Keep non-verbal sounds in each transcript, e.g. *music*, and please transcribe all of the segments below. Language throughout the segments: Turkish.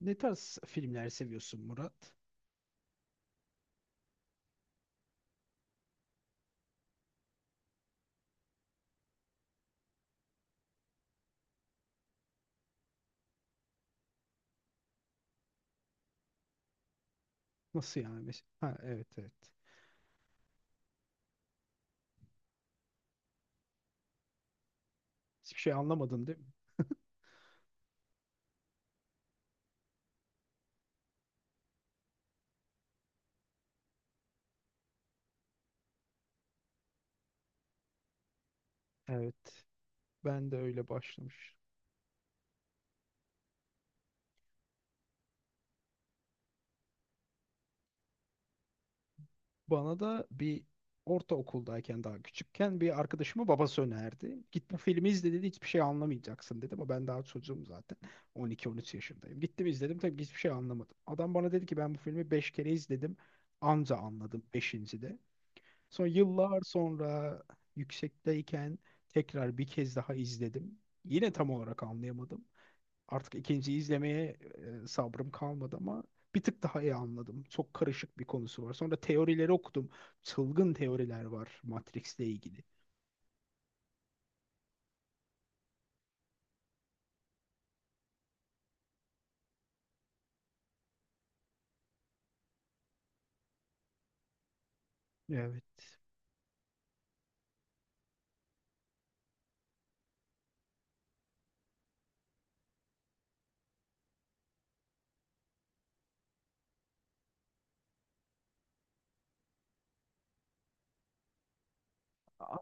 Ne tarz filmler seviyorsun Murat? Nasıl yani? Ha, evet evet. Hiçbir şey anlamadın değil mi? Evet. Ben de öyle başlamış. Bana da bir ortaokuldayken daha küçükken bir arkadaşımın babası önerdi. Git bu filmi izle dedi, hiçbir şey anlamayacaksın dedi, ama ben daha çocuğum zaten 12-13 yaşındayım. Gittim izledim, tabii ki hiçbir şey anlamadım. Adam bana dedi ki ben bu filmi 5 kere izledim, anca anladım 5.'de. Sonra yıllar sonra yüksekteyken tekrar bir kez daha izledim. Yine tam olarak anlayamadım. Artık ikinciyi izlemeye sabrım kalmadı ama bir tık daha iyi anladım. Çok karışık bir konusu var. Sonra teorileri okudum. Çılgın teoriler var Matrix'le ilgili. Evet.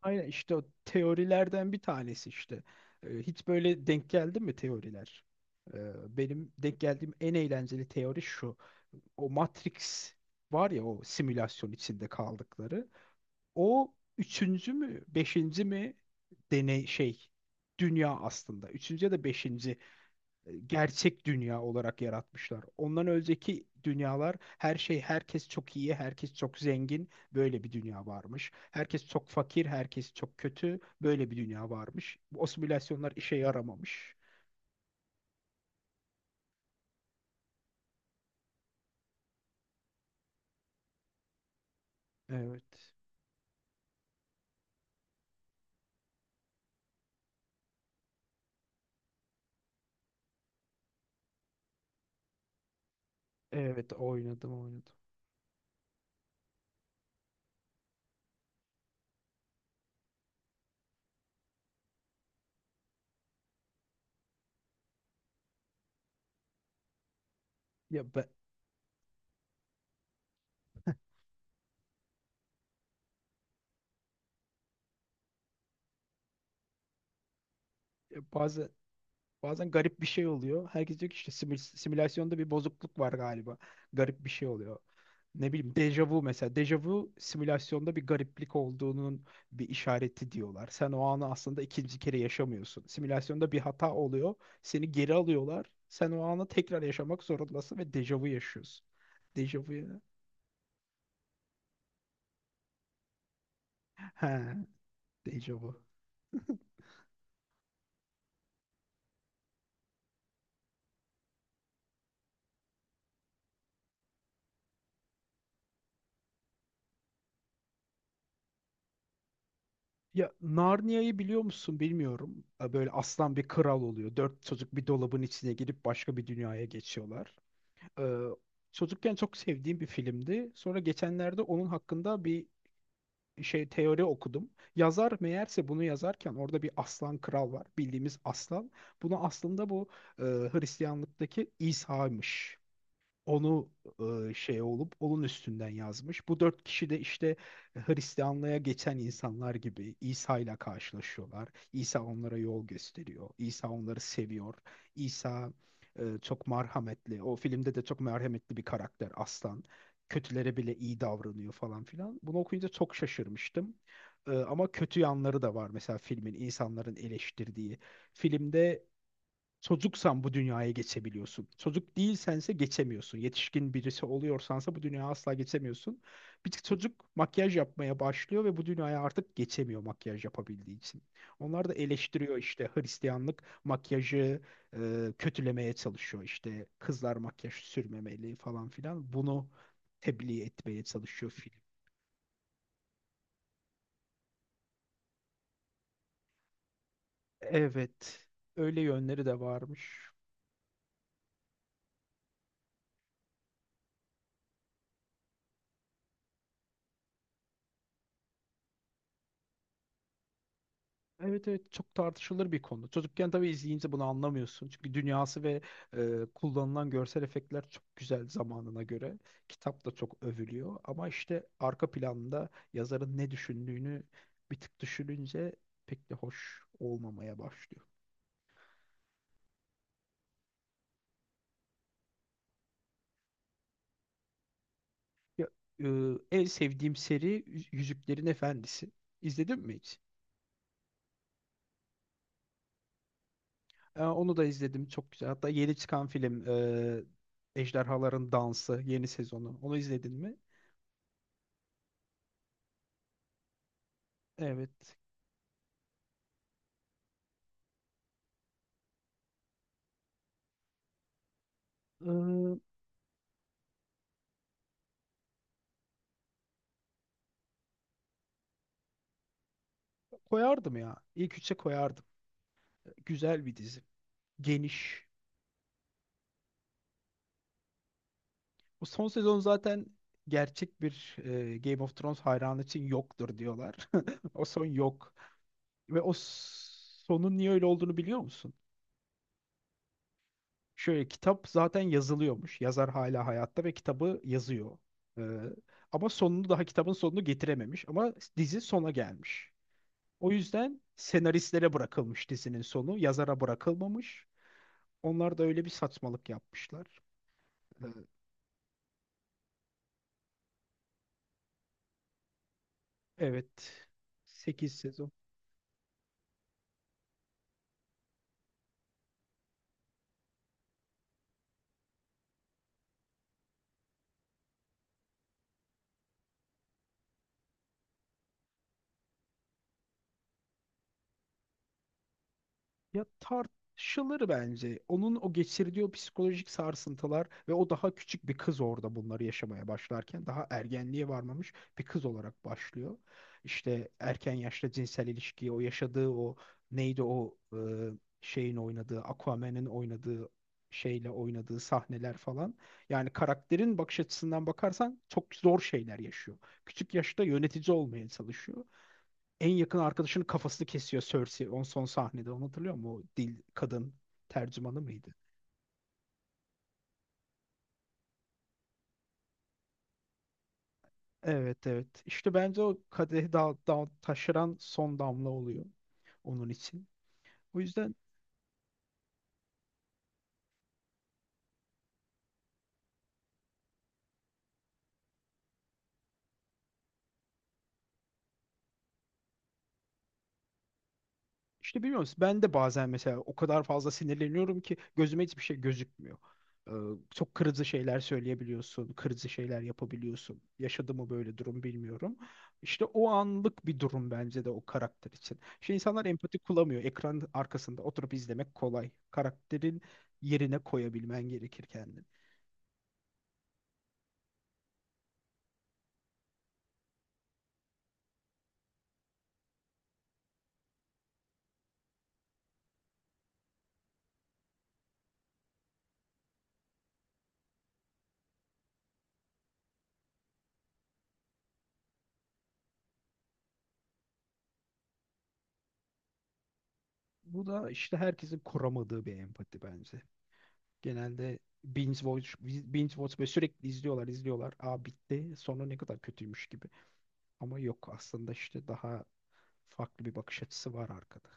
Aynen işte o teorilerden bir tanesi işte. Hiç böyle denk geldi mi teoriler? E, Benim denk geldiğim en eğlenceli teori şu. O Matrix var ya, o simülasyon içinde kaldıkları. O üçüncü mü, beşinci mi deney şey dünya aslında. Üçüncü ya da beşinci gerçek dünya olarak yaratmışlar. Ondan önceki dünyalar her şey, herkes çok iyi, herkes çok zengin, böyle bir dünya varmış. Herkes çok fakir, herkes çok kötü, böyle bir dünya varmış. O simülasyonlar işe yaramamış. Evet. Evet, oynadım oynadım. Ya ben, bazen Bazen garip bir şey oluyor. Herkes diyor ki işte simülasyonda bir bozukluk var galiba. Garip bir şey oluyor. Ne bileyim, dejavu mesela. Dejavu simülasyonda bir gariplik olduğunun bir işareti diyorlar. Sen o anı aslında ikinci kere yaşamıyorsun. Simülasyonda bir hata oluyor. Seni geri alıyorlar. Sen o anı tekrar yaşamak zorundasın ve dejavu yaşıyorsun. Dejavu ya. He, dejavu. Ya Narnia'yı biliyor musun bilmiyorum. Böyle aslan bir kral oluyor. Dört çocuk bir dolabın içine girip başka bir dünyaya geçiyorlar. Ee, çocukken çok sevdiğim bir filmdi. Sonra geçenlerde onun hakkında bir teori okudum. Yazar meğerse bunu yazarken orada bir aslan kral var. Bildiğimiz aslan. Bunu aslında bu Hristiyanlıktaki İsa'ymış, onu olup onun üstünden yazmış. Bu dört kişi de işte Hristiyanlığa geçen insanlar gibi İsa ile karşılaşıyorlar. İsa onlara yol gösteriyor. İsa onları seviyor. İsa çok merhametli. O filmde de çok merhametli bir karakter aslan. Kötülere bile iyi davranıyor falan filan. Bunu okuyunca çok şaşırmıştım. Ama kötü yanları da var. Mesela filmin, insanların eleştirdiği. Filmde çocuksan bu dünyaya geçebiliyorsun. Çocuk değilsense geçemiyorsun. Yetişkin birisi oluyorsansa bu dünyaya asla geçemiyorsun. Bir tık çocuk makyaj yapmaya başlıyor ve bu dünyaya artık geçemiyor makyaj yapabildiği için. Onlar da eleştiriyor işte, Hristiyanlık makyajı kötülemeye çalışıyor. İşte kızlar makyaj sürmemeli falan filan. Bunu tebliğ etmeye çalışıyor film. Evet, öyle yönleri de varmış. Evet evet, çok tartışılır bir konu. Çocukken tabii izleyince bunu anlamıyorsun. Çünkü dünyası ve kullanılan görsel efektler çok güzel zamanına göre. Kitap da çok övülüyor. Ama işte arka planda yazarın ne düşündüğünü bir tık düşününce pek de hoş olmamaya başlıyor. Ya, e, en sevdiğim seri Yüzüklerin Efendisi. İzledin mi hiç? Onu da izledim, çok güzel. Hatta yeni çıkan film Ejderhaların Dansı yeni sezonu. Onu izledin mi? Evet. Koyardım ya. İlk üçe koyardım. Güzel bir dizi. Geniş. Bu son sezon zaten gerçek bir Game of Thrones hayranı için yoktur diyorlar. *laughs* O son yok. Ve sonun niye öyle olduğunu biliyor musun? Şöyle, kitap zaten yazılıyormuş. Yazar hala hayatta ve kitabı yazıyor. Ee, ama sonunu, daha kitabın sonunu getirememiş. Ama dizi sona gelmiş. O yüzden senaristlere bırakılmış dizinin sonu. Yazara bırakılmamış. Onlar da öyle bir saçmalık yapmışlar. E, Evet. 8 sezon. Ya, tartışılır bence. Onun o geçirdiği o psikolojik sarsıntılar ve o daha küçük bir kız orada bunları yaşamaya başlarken daha ergenliğe varmamış bir kız olarak başlıyor. İşte erken yaşta cinsel ilişkiyi o yaşadığı, o neydi o şeyin oynadığı, Aquaman'ın oynadığı şeyle oynadığı sahneler falan. Yani karakterin bakış açısından bakarsan çok zor şeyler yaşıyor. Küçük yaşta yönetici olmaya çalışıyor. En yakın arkadaşının kafasını kesiyor Cersei on son sahnede. Onu hatırlıyor musun? O dil kadın tercümanı mıydı? Evet evet. İşte bence o kadehi taşıran son damla oluyor onun için. O yüzden, İşte biliyor musun, ben de bazen mesela o kadar fazla sinirleniyorum ki gözüme hiçbir şey gözükmüyor. Ee, çok kırıcı şeyler söyleyebiliyorsun, kırıcı şeyler yapabiliyorsun. Yaşadı mı böyle durum bilmiyorum. İşte o anlık bir durum bence de o karakter için. İnsanlar empati kuramıyor. Ekran arkasında oturup izlemek kolay. Karakterin yerine koyabilmen gerekir kendini. Bu da işte herkesin kuramadığı bir empati bence. Genelde binge watch, binge watch ve sürekli izliyorlar, izliyorlar. Aa, bitti. Sonu ne kadar kötüymüş gibi. Ama yok, aslında işte daha farklı bir bakış açısı var arkada.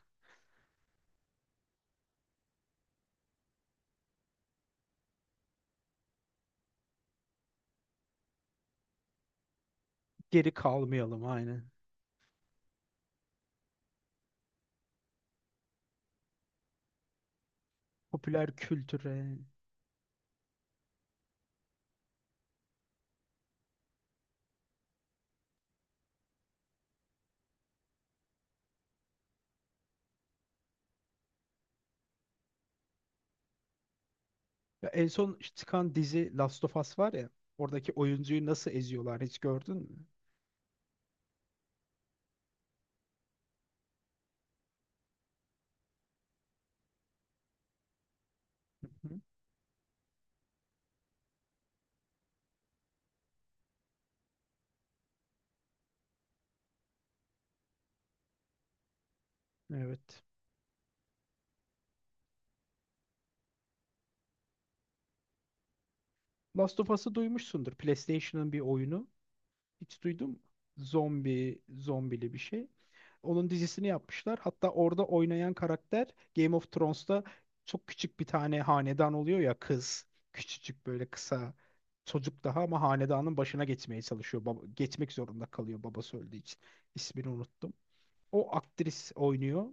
Geri kalmayalım, aynen. Popüler kültüre. Ya en son işte çıkan dizi Last of Us var ya. Oradaki oyuncuyu nasıl eziyorlar hiç gördün mü? Hı hı. Evet. Last of Us'ı duymuşsundur. PlayStation'ın bir oyunu. Hiç duydum. Zombi, zombili bir şey. Onun dizisini yapmışlar. Hatta orada oynayan karakter Game of Thrones'ta çok küçük bir tane hanedan oluyor ya, kız. Küçücük böyle kısa, çocuk daha, ama hanedanın başına geçmeye çalışıyor. Baba, geçmek zorunda kalıyor babası öldüğü için. İsmini unuttum. O aktris oynuyor.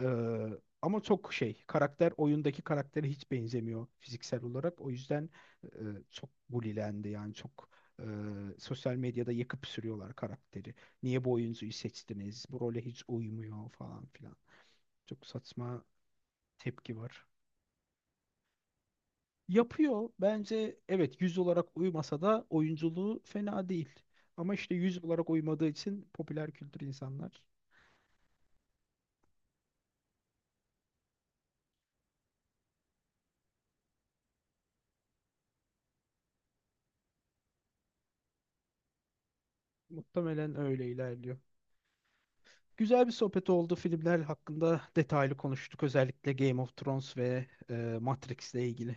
Ee, ama çok karakter oyundaki karaktere hiç benzemiyor fiziksel olarak. O yüzden e, çok bulilendi, yani çok e, sosyal medyada yakıp sürüyorlar karakteri. Niye bu oyuncuyu seçtiniz? Bu role hiç uymuyor falan filan. Çok saçma tepki var. Yapıyor bence, evet, yüz olarak uymasa da oyunculuğu fena değil. Ama işte yüz olarak uymadığı için popüler kültür, insanlar muhtemelen öyle ilerliyor. Güzel bir sohbet oldu. Filmler hakkında detaylı konuştuk. Özellikle Game of Thrones ve Matrix ile ilgili.